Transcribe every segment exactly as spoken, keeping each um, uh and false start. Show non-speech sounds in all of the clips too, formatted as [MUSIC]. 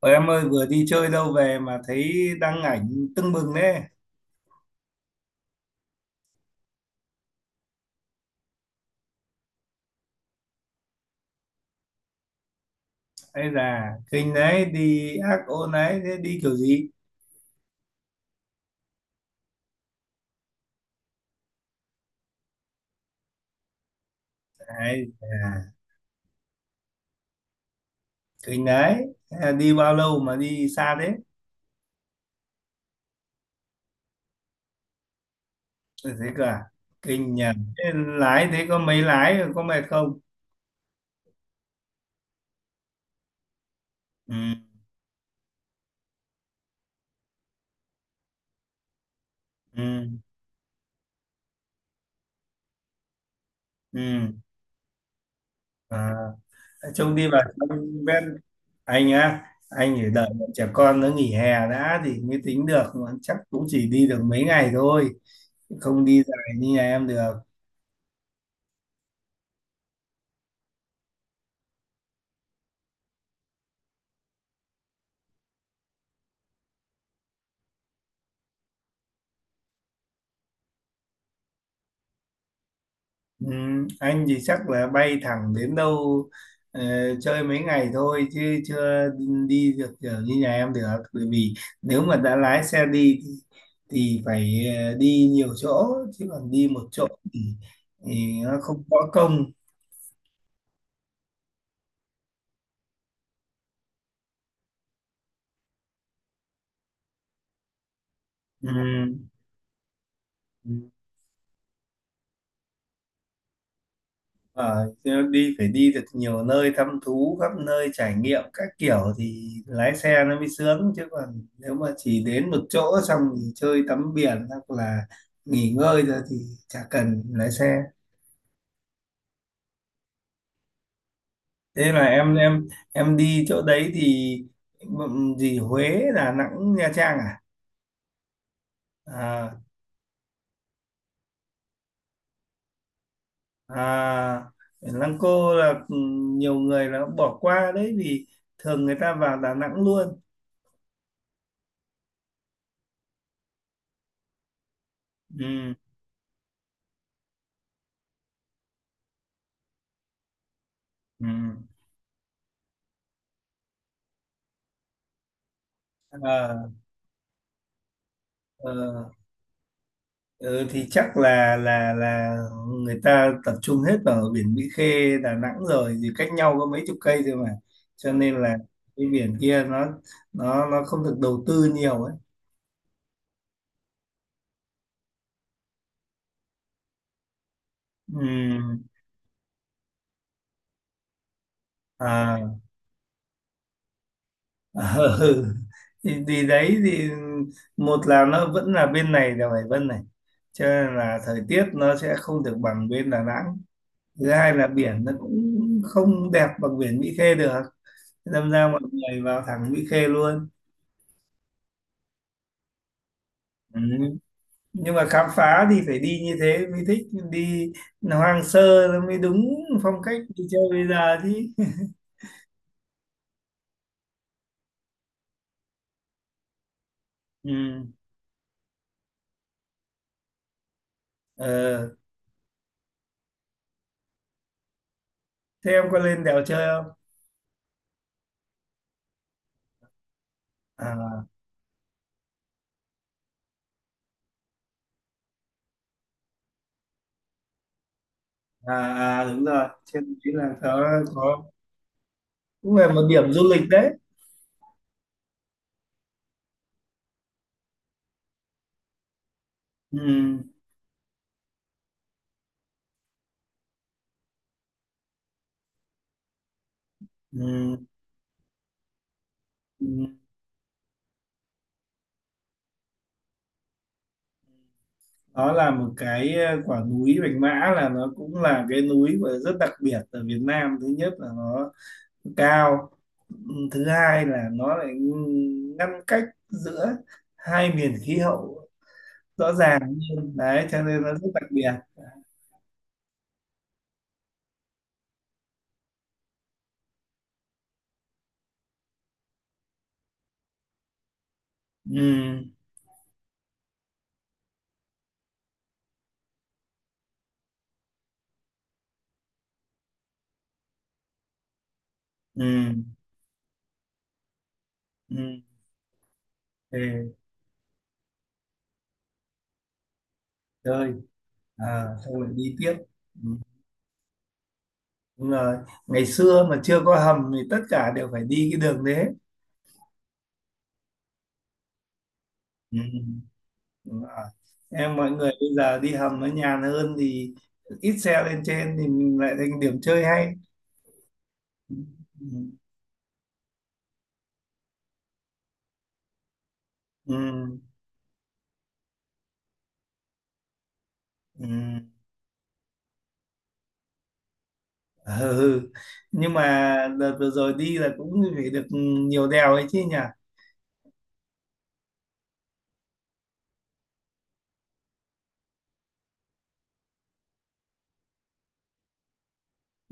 Ôi em ơi, vừa đi chơi đâu về mà thấy đăng ảnh tưng bừng đấy. Hay là kinh đấy, đi ác ôn đấy, thế đi kiểu gì? Đấy là kinh đấy. Thế là đi bao lâu mà đi xa thế? Ôi, thế cả kinh nhờ. Thế lái, thế có mấy lái có mệt không? ừ, ừ, ừ. À, trông đi vào trong ven. Anh á, anh phải đợi bọn trẻ con nó nghỉ hè đã thì mới tính được, mà chắc cũng chỉ đi được mấy ngày thôi, không đi dài như nhà em được. Ừ, anh thì chắc là bay thẳng đến đâu, ờ, chơi mấy ngày thôi chứ chưa đi được kiểu như nhà em được. Bởi vì nếu mà đã lái xe đi thì, thì phải ờ, đi nhiều chỗ, chứ còn đi một chỗ thì, thì nó không có công. ừ. ừ. Ờ, đi phải đi được nhiều nơi, thăm thú khắp nơi, trải nghiệm các kiểu thì lái xe nó mới sướng. Chứ còn nếu mà chỉ đến một chỗ xong thì chơi tắm biển hoặc là nghỉ ngơi rồi thì chả cần lái xe. Thế là em em em đi chỗ đấy thì ừm, gì, Huế Đà Nẵng Nha Trang à? À, à, Lăng Cô là ừm, nhiều người là bỏ qua đấy, vì thường người ta vào Đà Nẵng luôn. Ừ, ừ. À, ờ. Ừ, thì chắc là là là người ta tập trung hết vào biển Mỹ Khê Đà Nẵng rồi, thì cách nhau có mấy chục cây thôi mà, cho nên là cái biển kia nó nó nó không được đầu tư nhiều ấy. Ừm, à. [LAUGHS] Ừ. Ừ. thì, thì đấy thì một là nó vẫn là bên này là Hải Vân này, cho nên là thời tiết nó sẽ không được bằng bên Đà Nẵng. Thứ hai là biển nó cũng không đẹp bằng biển Mỹ Khê được, thế đâm ra mọi người vào thẳng Mỹ Khê luôn. Ừ. Nhưng mà khám phá thì phải đi như thế mới thích, đi hoang sơ nó mới đúng phong cách đi chơi bây giờ chứ. [LAUGHS] Ừ. Ờ. Thế em có lên đèo chơi không? À, à, à đúng rồi, trên đấy là có có cũng là một điểm du lịch đấy. Ừ. Ừ. Ừ. Đó là một cái ờ, quả núi Bạch Mã, là nó cũng là cái núi mà rất đặc biệt ở Việt Nam. Thứ nhất là nó cao. Ừ, thứ hai là nó lại ngăn cách giữa hai miền khí hậu rõ ràng hơn đấy, cho nên nó rất đặc biệt. Ừ. Ừ. Ừ. Về chơi. À, xong rồi đi tiếp. Ừ. Đúng rồi, ngày xưa mà chưa có hầm thì tất cả đều phải đi cái đường đấy. Ừ. Đúng rồi. Em, mọi người bây giờ đi hầm nó nhàn hơn thì ít xe lên trên, thì mình lại thành điểm chơi hay. Ừ. Ừ. Ừ. Ừ. Ờ, ừ. Nhưng mà đợt vừa rồi đi là cũng phải được nhiều đèo ấy chứ nhỉ?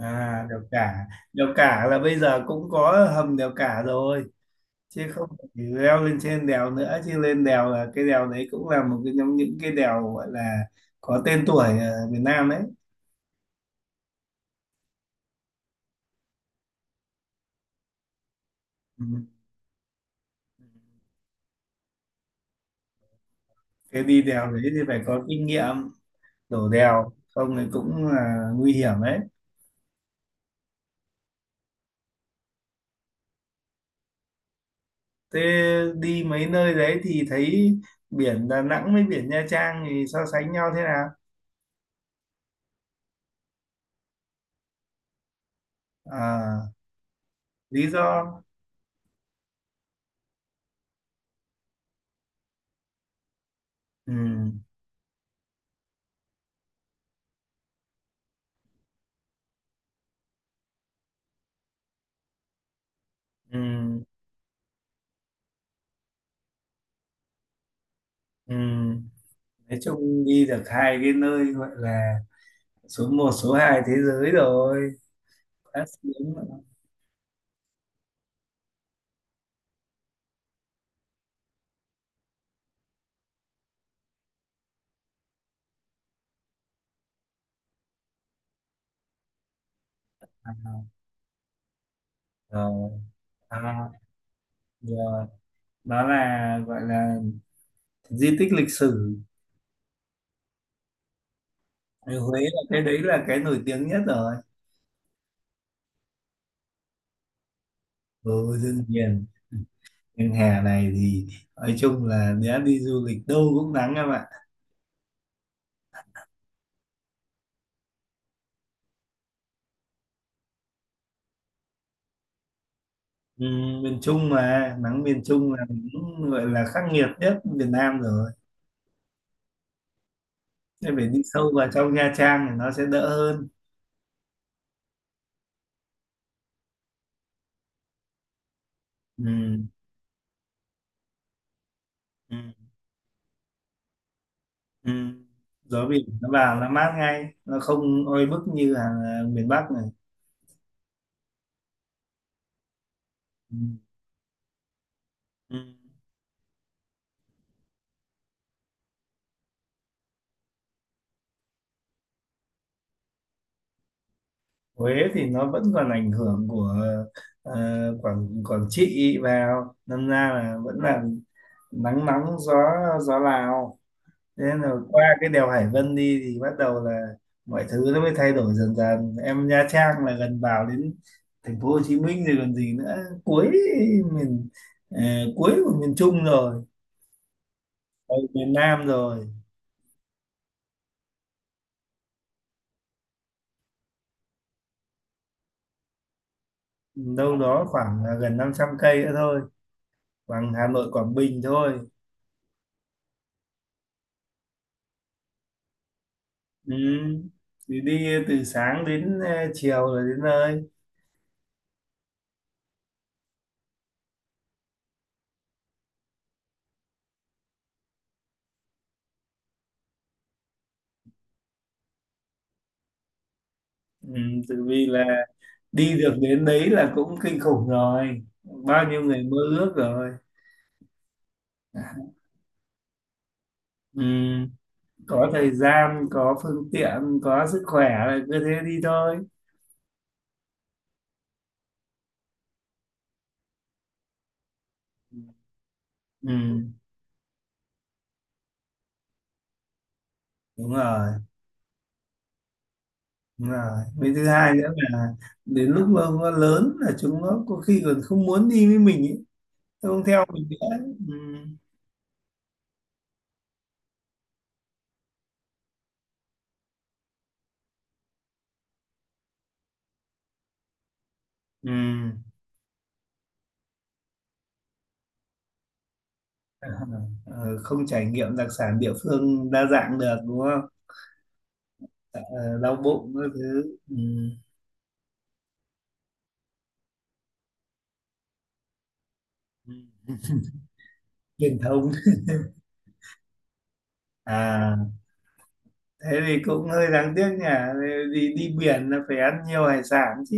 À đèo Cả. Đèo Cả là bây giờ cũng có hầm đèo Cả rồi, chứ không phải leo lên trên đèo nữa. Chứ lên đèo, là cái đèo đấy cũng là một cái trong những cái đèo gọi là có tên tuổi ở Việt Nam đấy. Ừ. Cái đi đèo đấy thì phải có kinh nghiệm đổ đèo, không thì cũng là nguy hiểm đấy. Thế đi mấy nơi đấy thì thấy biển Đà Nẵng với biển Nha Trang thì so sánh nhau thế nào? À, lý do? Ừ, ừ, ừ. Nói chung đi được hai cái nơi gọi là số một số hai thế giới rồi. Đã xuống. À, rồi. À, rồi. Đó là gọi là di tích lịch sử. Thì Huế là cái đấy là cái nổi tiếng nhất rồi. Ừ, đương nhiên. Nhưng hè này thì nói chung là đã đi du lịch đâu cũng nắng em ạ. Ừ, miền Trung mà nắng, miền Trung là cũng gọi là khắc nghiệt nhất Việt Nam rồi. Em phải đi sâu vào trong Nha Trang thì nó sẽ đỡ hơn. Ừ. Ừ. Ừ. Gió biển nó vào nó mát ngay, nó không oi bức như ở miền Bắc này. Ừ. Ừ. Huế thì nó vẫn còn ảnh hưởng của ờ, Quảng Quảng Trị vào, đâm ra là vẫn là nắng nóng, gió gió Lào. Thế là qua cái đèo Hải Vân đi thì bắt đầu là mọi thứ nó mới thay đổi dần dần. Em, Nha Trang là gần vào đến thành phố Hồ Chí Minh rồi còn gì nữa, cuối miền, ờ, cuối của miền Trung rồi, ở miền Nam rồi. Đâu đó khoảng là gần năm trăm cây nữa thôi, bằng Hà Nội Quảng Bình thôi. Ừ. Thì đi từ sáng đến ờ, chiều rồi đến nơi. Ừ. Tự vì là đi được đến đấy là cũng kinh khủng rồi, bao nhiêu người mơ ước rồi. Ừ. Có thời gian, có phương tiện, có sức khỏe là cứ thế đi thôi. Ừ, đúng rồi, đúng rồi. Với thứ hai nữa là đến lúc mà nó lớn là chúng nó có khi còn không muốn đi với mình ấy, nó không theo mình nữa. Ừ. Ừ. [LAUGHS] Ờ, không trải nghiệm đặc sản địa phương đa dạng được, đúng không? Ờ, đau bụng các thứ. Ừ. Ừ. Truyền thống. À, thế thì cũng hơi đáng tiếc nhỉ, đi đi biển là phải ăn nhiều hải sản chứ.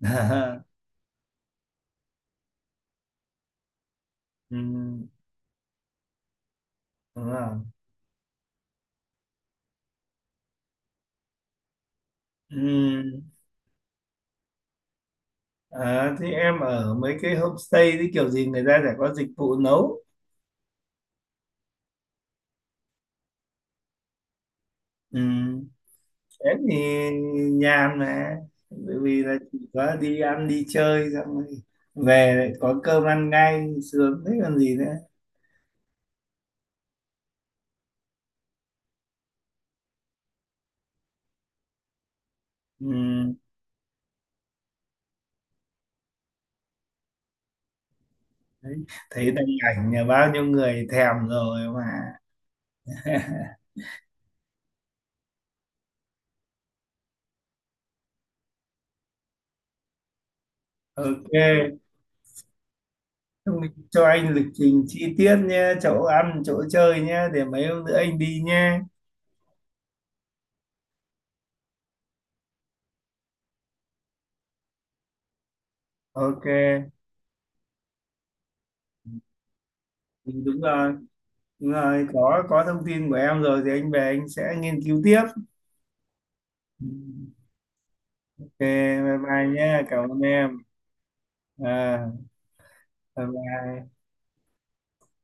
[LAUGHS] Ừ. Đúng không? Ừ. À, thế em ở mấy cái homestay thì kiểu gì người ta sẽ có dịch vụ nấu. Ừ. Em thì nhàn mà. Bởi vì là chỉ có đi ăn đi chơi xong rồi về lại có cơm ăn ngay, sướng thế còn gì nữa. Ừ. Đấy. Thấy đăng ảnh nhà bao nhiêu người thèm rồi mà. [LAUGHS] Ok. Xong mình cho anh lịch trình chi tiết nhé, chỗ ăn, chỗ chơi nhé, để mấy hôm nữa anh đi nhé. Ok, đúng rồi. Đúng rồi, có có thông tin của em rồi thì anh về anh sẽ nghiên cứu tiếp. Ok, bye bye nhé, cảm ơn em. À, bye bye.